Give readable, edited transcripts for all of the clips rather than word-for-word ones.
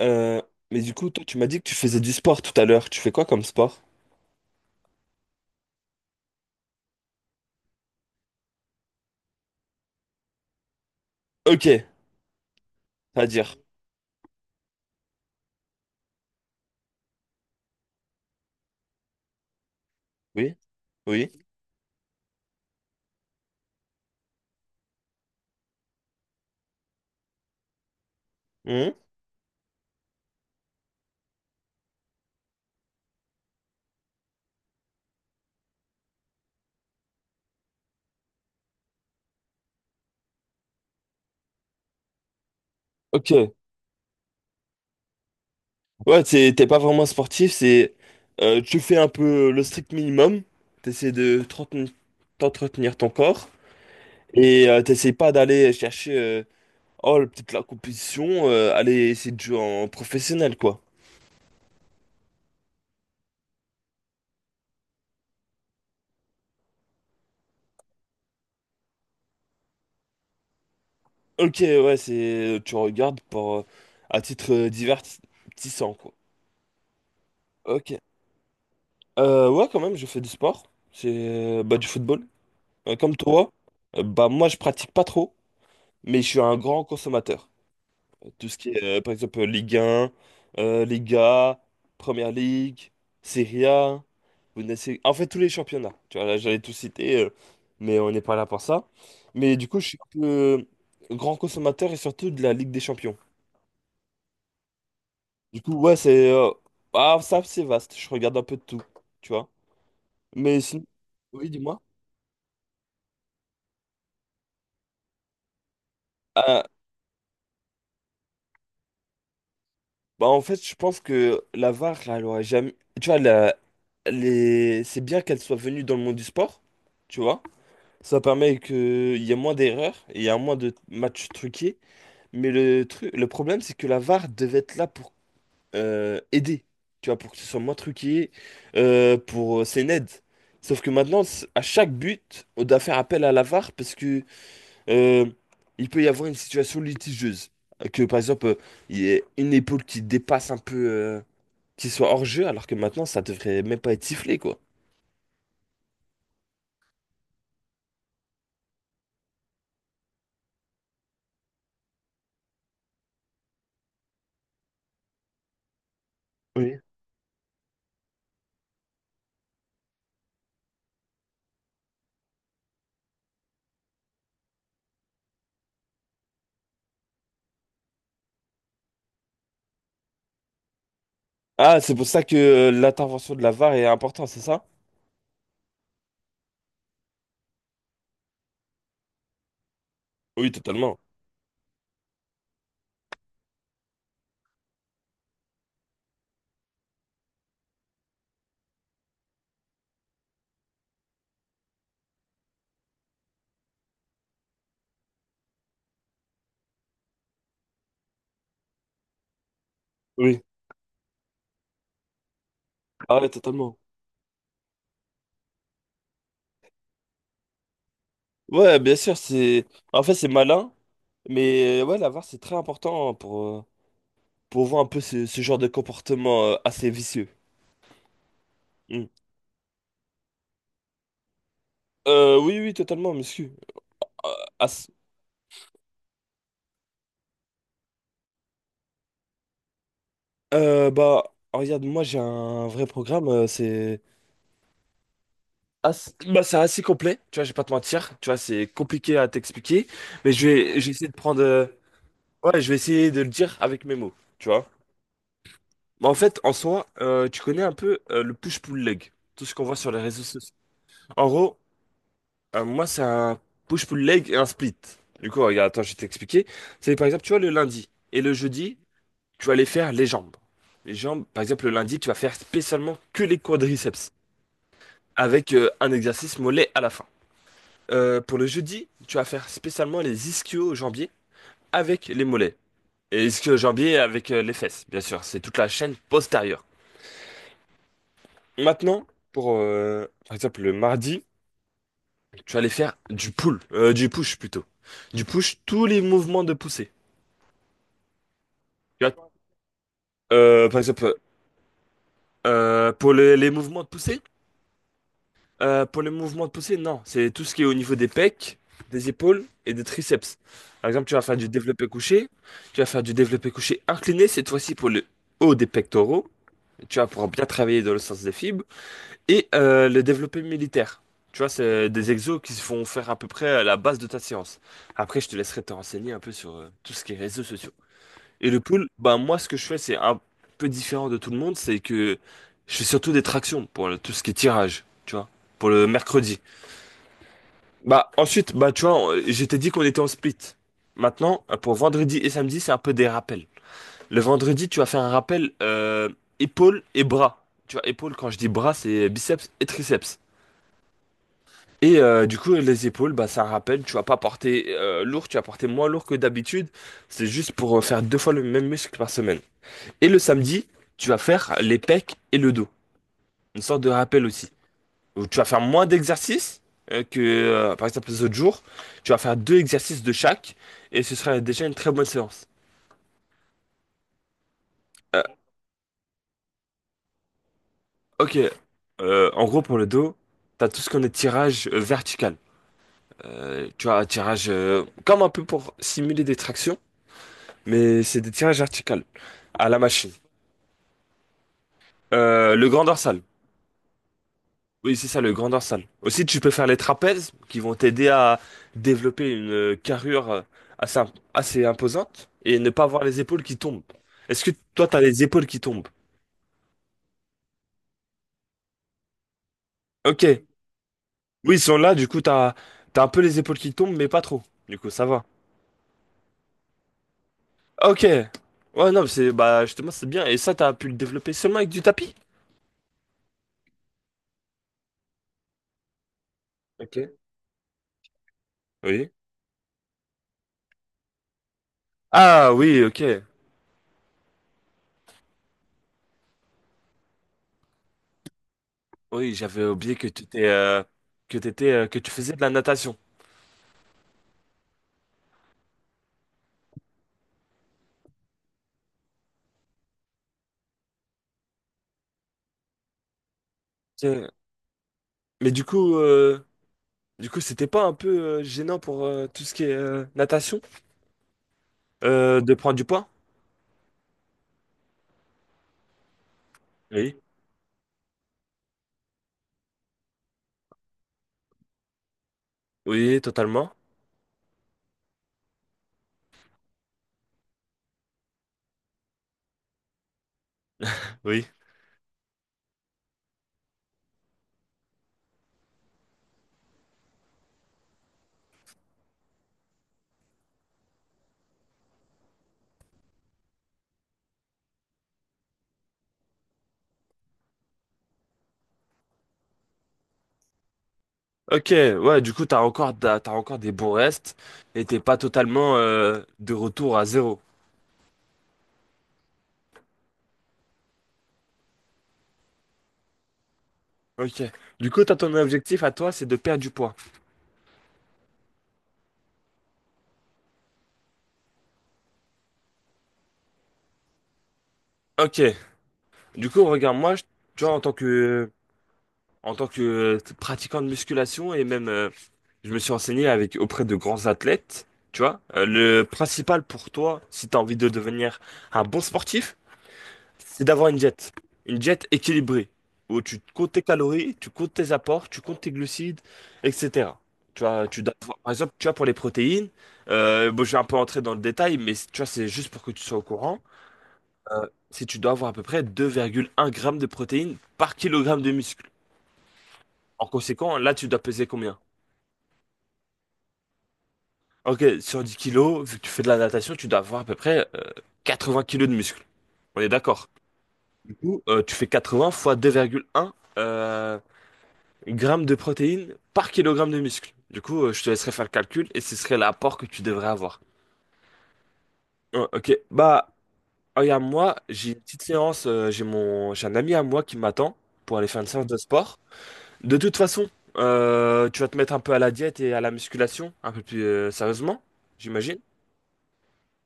Euh, mais du coup, toi, tu m'as dit que tu faisais du sport tout à l'heure. Tu fais quoi comme sport? Ok. À dire. Oui, oui. Mhm. Ok. Ouais, t'es pas vraiment sportif, c'est tu fais un peu le strict minimum. T'essaies de t'entretenir ton corps et t'essaies pas d'aller chercher oh, peut-être la compétition, aller essayer de jouer en professionnel quoi. Ok, ouais, c'est tu regardes pour à titre divertissant quoi. Ok. Ouais, quand même, je fais du sport. C'est bah, du football. Comme toi, bah, moi, je pratique pas trop, mais je suis un grand consommateur. Tout ce qui est, par exemple, Ligue 1 Liga, Première Ligue, Serie A, Bundesliga. En fait, tous les championnats. Tu vois, là, j'allais tout citer, mais on n'est pas là pour ça. Mais du coup, je suis un peu grand consommateur et surtout de la Ligue des Champions. Du coup, ouais, ah, ça, c'est vaste. Je regarde un peu de tout, tu vois. Mais sinon. Oui, dis-moi. Euh, Bah, en fait, je pense que la VAR, elle aurait jamais. Tu vois, c'est bien qu'elle soit venue dans le monde du sport, tu vois. Ça permet qu'il y ait moins d'erreurs et il y a moins de matchs truqués. Mais le problème, c'est que la VAR devait être là pour aider, tu vois, pour que ce soit moins truqué, c'est une aide. Sauf que maintenant, à chaque but, on doit faire appel à la VAR parce que euh, il peut y avoir une situation litigieuse. Que par exemple, il y a une épaule qui dépasse un peu, qu'il soit hors-jeu alors que maintenant ça devrait même pas être sifflé quoi. Oui. Ah, c'est pour ça que l'intervention de la VAR est importante, c'est ça? Oui, totalement. Oui. Ah ouais, totalement. Ouais, bien sûr, c'est en fait, c'est malin, mais ouais, la VAR c'est très important pour voir un peu ce genre de comportement assez vicieux. Mm. Oui, oui, totalement, monsieur. Euh, as- Bah, regarde, moi j'ai un vrai programme, bah, c'est assez complet, tu vois, je vais pas te mentir, tu vois, c'est compliqué à t'expliquer, mais je vais ouais, je vais essayer de le dire avec mes mots, tu vois. Mais en fait, en soi, tu connais un peu le push-pull leg, tout ce qu'on voit sur les réseaux sociaux. En gros, moi, c'est un push-pull leg et un split. Du coup, regarde, attends, je vais t'expliquer. C'est par exemple, tu vois, le lundi et le jeudi, tu vas aller faire les jambes. Les jambes, par exemple, le lundi, tu vas faire spécialement que les quadriceps, avec un exercice mollet à la fin. Pour le jeudi, tu vas faire spécialement les ischio-jambiers avec les mollets. Et ischio-jambiers avec les fesses, bien sûr. C'est toute la chaîne postérieure. Maintenant, pour par exemple le mardi, tu vas aller faire du push plutôt. Du push, tous les mouvements de poussée. Tu vois, par exemple, pour les mouvements de poussée. Pour les mouvements de poussée, non. C'est tout ce qui est au niveau des pecs, des épaules et des triceps. Par exemple, tu vas faire du développé couché. Tu vas faire du développé couché incliné, cette fois-ci pour le haut des pectoraux. Tu vas pouvoir bien travailler dans le sens des fibres. Et le développé militaire. Tu vois, c'est des exos qui se font faire à peu près à la base de ta séance. Après, je te laisserai te renseigner un peu sur tout ce qui est réseaux sociaux. Et le pull, bah, moi, ce que je fais, c'est un peu différent de tout le monde. C'est que je fais surtout des tractions pour tout ce qui est tirage, tu vois, pour le mercredi. Bah, ensuite, bah, tu vois, je t'ai dit qu'on était en split. Maintenant, pour vendredi et samedi, c'est un peu des rappels. Le vendredi, tu vas faire un rappel épaules et bras. Tu vois, épaules, quand je dis bras, c'est biceps et triceps. Et du coup, les épaules, bah, c'est un rappel. Tu vas pas porter lourd, tu vas porter moins lourd que d'habitude. C'est juste pour faire deux fois le même muscle par semaine. Et le samedi, tu vas faire les pecs et le dos. Une sorte de rappel aussi, où tu vas faire moins d'exercices que, par exemple, les autres jours. Tu vas faire deux exercices de chaque et ce sera déjà une très bonne séance. Euh, ok. En gros, pour le dos, tu as tout ce qu'on est tirage vertical. Tu as un tirage comme un peu pour simuler des tractions, mais c'est des tirages verticales à la machine. Le grand dorsal. Oui, c'est ça, le grand dorsal. Aussi, tu peux faire les trapèzes qui vont t'aider à développer une carrure assez, assez imposante et ne pas avoir les épaules qui tombent. Est-ce que toi, t'as les épaules qui tombent? Ok. Oui, ils sont là, du coup, t'as, t'as, un peu les épaules qui tombent, mais pas trop. Du coup, ça va. Ok. Ouais, non, mais c'est, bah, justement, c'est bien. Et ça, t'as pu le développer seulement avec du tapis? Ok. Oui. Ah, oui, ok. Oui, j'avais oublié que tu t'es, que t'étais, que tu faisais de la natation. Tiens. Mais du coup, euh, Du coup, c'était pas un peu gênant pour tout ce qui est natation de prendre du poids? Oui. Oui, totalement. Oui. Ok, ouais, du coup, t'as encore des bons restes et t'es pas totalement de retour à zéro. Ok. Du coup, t'as ton objectif à toi, c'est de perdre du poids. Ok. Du coup, regarde, moi, tu vois, en tant que pratiquant de musculation et même, je me suis renseigné avec auprès de grands athlètes. Tu vois, le principal pour toi, si t'as envie de devenir un bon sportif, c'est d'avoir une diète. Une diète équilibrée, où tu comptes tes calories, tu comptes tes apports, tu comptes tes glucides, etc. Tu vois, tu dois par exemple, tu vois, pour les protéines, bon, je vais un peu entrer dans le détail, mais tu vois, c'est juste pour que tu sois au courant. Si tu dois avoir à peu près 2,1 grammes de protéines par kilogramme de muscle. En conséquent, là, tu dois peser combien? Ok, sur 10 kilos, vu que tu fais de la natation, tu dois avoir à peu près 20 kilos de muscle. On est d'accord. Du coup, tu fais 80 fois 2,1 grammes de protéines par kilogramme de muscle. Du coup, je te laisserai faire le calcul et ce serait l'apport que tu devrais avoir. Oh, ok, bah, regarde, moi, j'ai une petite séance, j'ai un ami à moi qui m'attend pour aller faire une séance de sport. De toute façon, tu vas te mettre un peu à la diète et à la musculation, un peu plus sérieusement, j'imagine.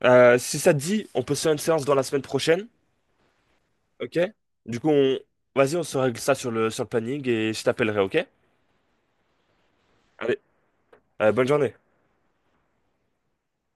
Si ça te dit, on peut se faire une séance dans la semaine prochaine, ok? Du coup, vas-y, on se règle ça sur le planning et je t'appellerai, ok? Allez, bonne journée.